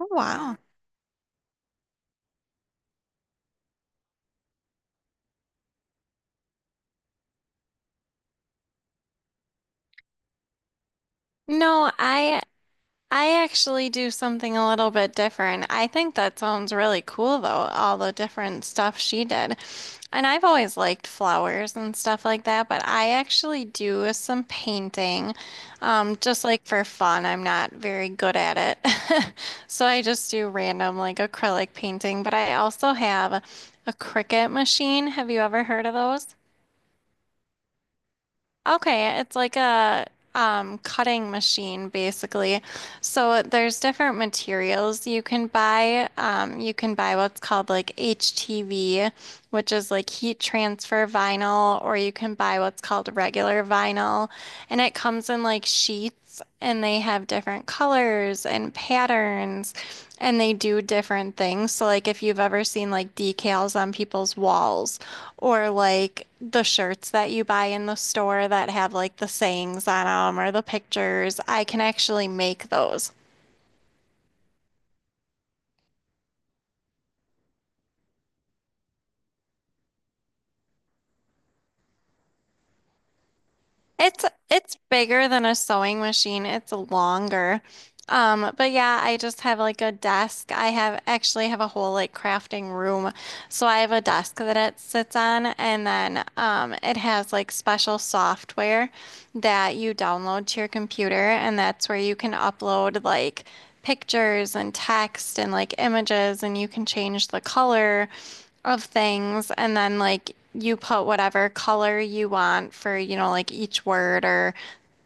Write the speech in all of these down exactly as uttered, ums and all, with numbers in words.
Oh, wow. No, I I actually do something a little bit different. I think that sounds really cool though, all the different stuff she did. And I've always liked flowers and stuff like that, but I actually do some painting, um, just like for fun. I'm not very good at it. So I just do random like acrylic painting, but I also have a Cricut machine. Have you ever heard of those? Okay, it's like a um, cutting machine basically. So there's different materials you can buy. Um, you can buy what's called like H T V, which is like heat transfer vinyl, or you can buy what's called regular vinyl. And it comes in like sheets and they have different colors and patterns and they do different things. So like if you've ever seen like decals on people's walls or like the shirts that you buy in the store that have like the sayings on them or the pictures, I can actually make those. It's it's bigger than a sewing machine. It's longer. Um, but yeah, I just have like a desk. I have actually have a whole like crafting room. So I have a desk that it sits on, and then um it has like special software that you download to your computer, and that's where you can upload like pictures and text and like images, and you can change the color of things and then like you put whatever color you want for, you know, like each word or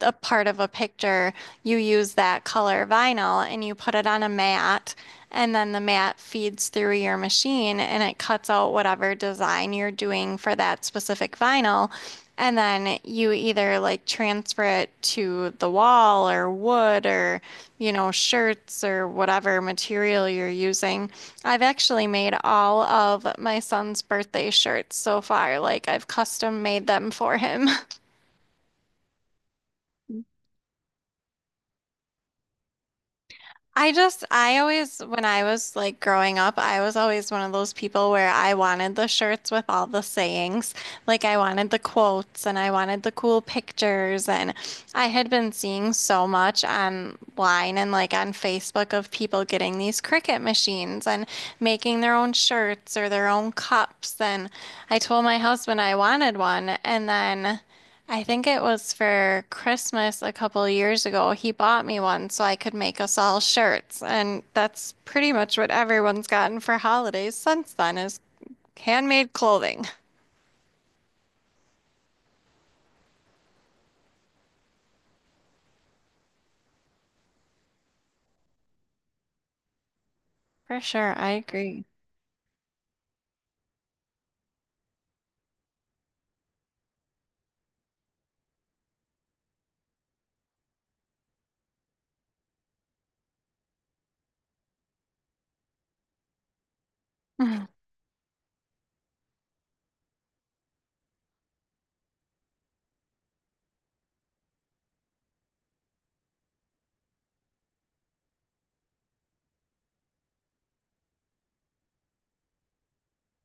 a part of a picture, you use that color vinyl and you put it on a mat, and then the mat feeds through your machine and it cuts out whatever design you're doing for that specific vinyl. And then you either like transfer it to the wall or wood or, you know, shirts or whatever material you're using. I've actually made all of my son's birthday shirts so far. Like I've custom made them for him. I just, I always, when I was like growing up, I was always one of those people where I wanted the shirts with all the sayings. Like I wanted the quotes and I wanted the cool pictures. And I had been seeing so much online and like on Facebook of people getting these Cricut machines and making their own shirts or their own cups. And I told my husband I wanted one. And then I think it was for Christmas a couple years ago. He bought me one so I could make us all shirts, and that's pretty much what everyone's gotten for holidays since then is handmade clothing. For sure, I agree.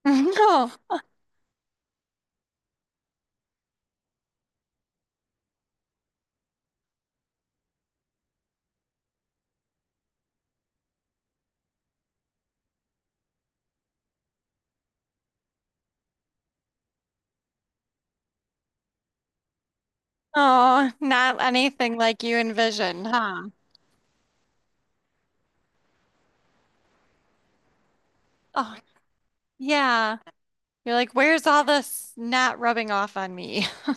No, oh, not anything like you envisioned, huh? Oh, yeah. You're like, where's all this not rubbing off on me?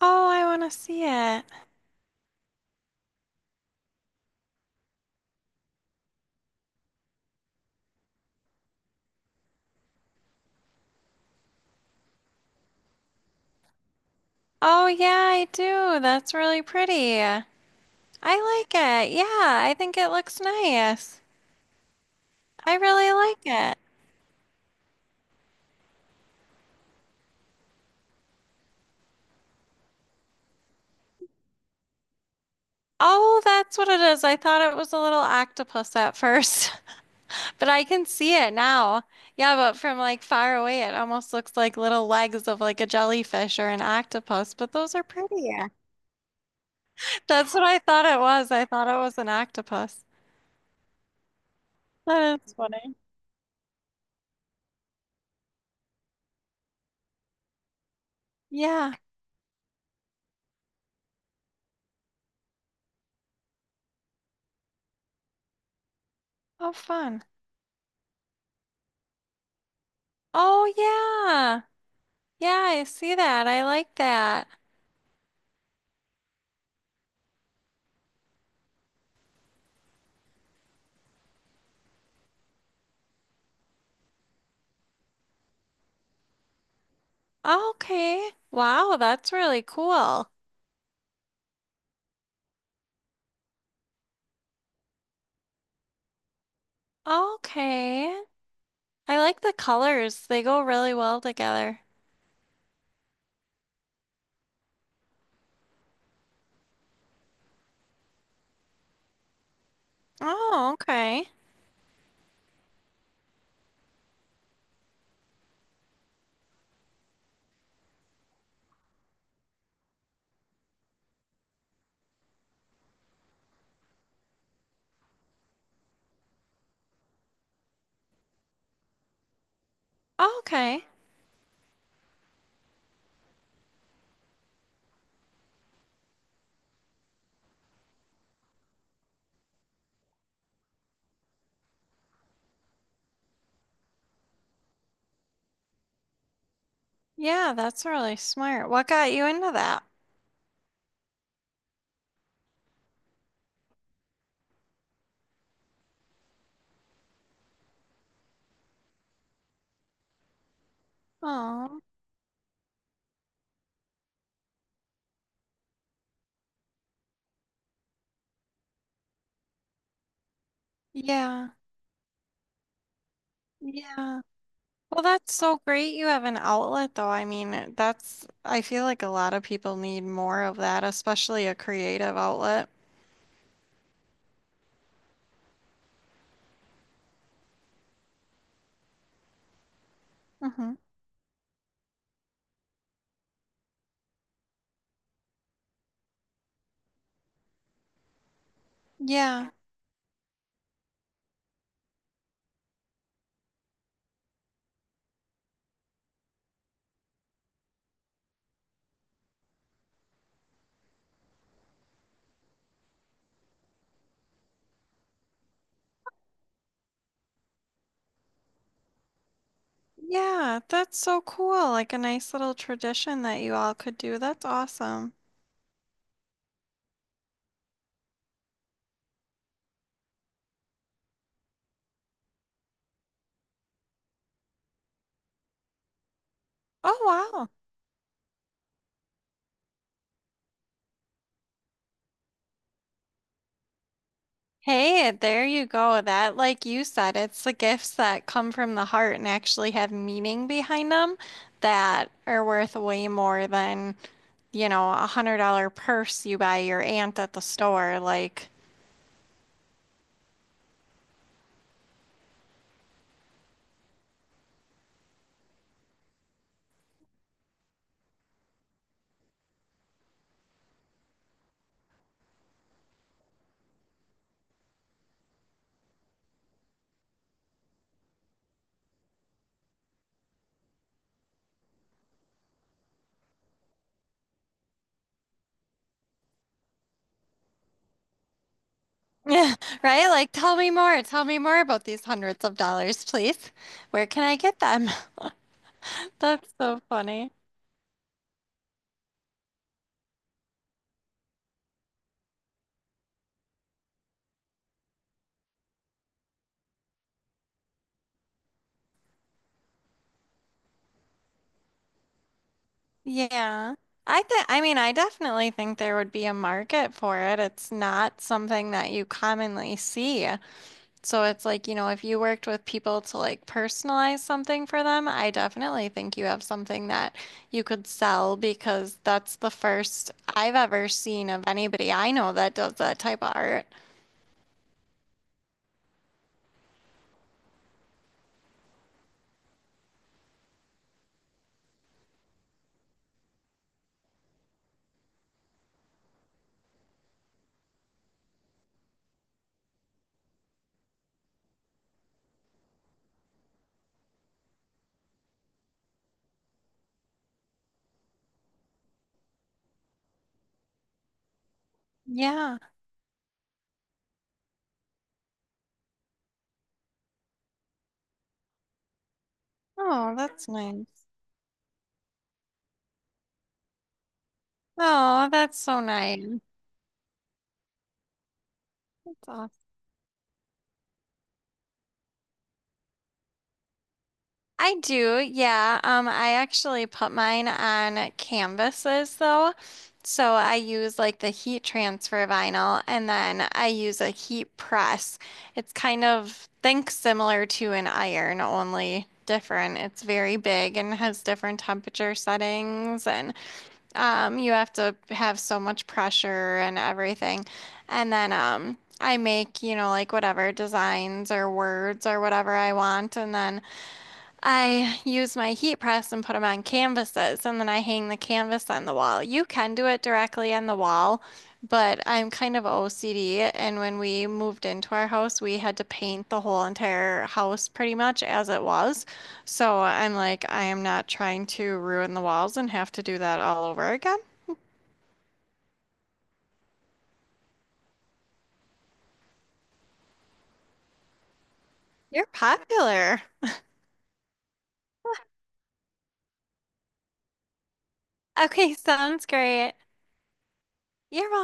Oh, I want to see it. Oh, yeah, I do. That's really pretty. I like it. Yeah, I think it looks nice. I really like it. Oh, that's what it is. I thought it was a little octopus at first, but I can see it now. Yeah, but from like far away, it almost looks like little legs of like a jellyfish or an octopus, but those are prettier. That's what I thought it was. I thought it was an octopus. That is funny. Yeah. Oh, fun. Oh, yeah. Yeah, I see that. I like that. Okay. Wow, that's really cool. Okay. I like the colors. They go really well together. Oh, okay. Okay. Yeah, that's really smart. What got you into that? Oh, yeah. Yeah. Well, that's so great you have an outlet though. I mean, that's I feel like a lot of people need more of that, especially a creative outlet. Mm-hmm. Yeah. Yeah, that's so cool. Like a nice little tradition that you all could do. That's awesome. Oh, wow. Hey, there you go. That, like you said, it's the gifts that come from the heart and actually have meaning behind them that are worth way more than, you know, a hundred dollar purse you buy your aunt at the store. Like, right? Like, tell me more. Tell me more about these hundreds of dollars, please. Where can I get them? That's so funny. Yeah. I think, I mean, I definitely think there would be a market for it. It's not something that you commonly see. So it's like, you know, if you worked with people to like personalize something for them, I definitely think you have something that you could sell because that's the first I've ever seen of anybody I know that does that type of art. Yeah. Oh, that's nice. Oh, that's so nice. That's awesome. I do, yeah. Um, I actually put mine on canvases though. So I use like the heat transfer vinyl and then I use a heat press. It's kind of think similar to an iron, only different. It's very big and has different temperature settings and um you have to have so much pressure and everything. And then um I make, you know, like whatever designs or words or whatever I want and then I use my heat press and put them on canvases, and then I hang the canvas on the wall. You can do it directly on the wall, but I'm kind of O C D, and when we moved into our house, we had to paint the whole entire house pretty much as it was. So I'm like, I am not trying to ruin the walls and have to do that all over again. You're popular. Okay, sounds great. You're welcome.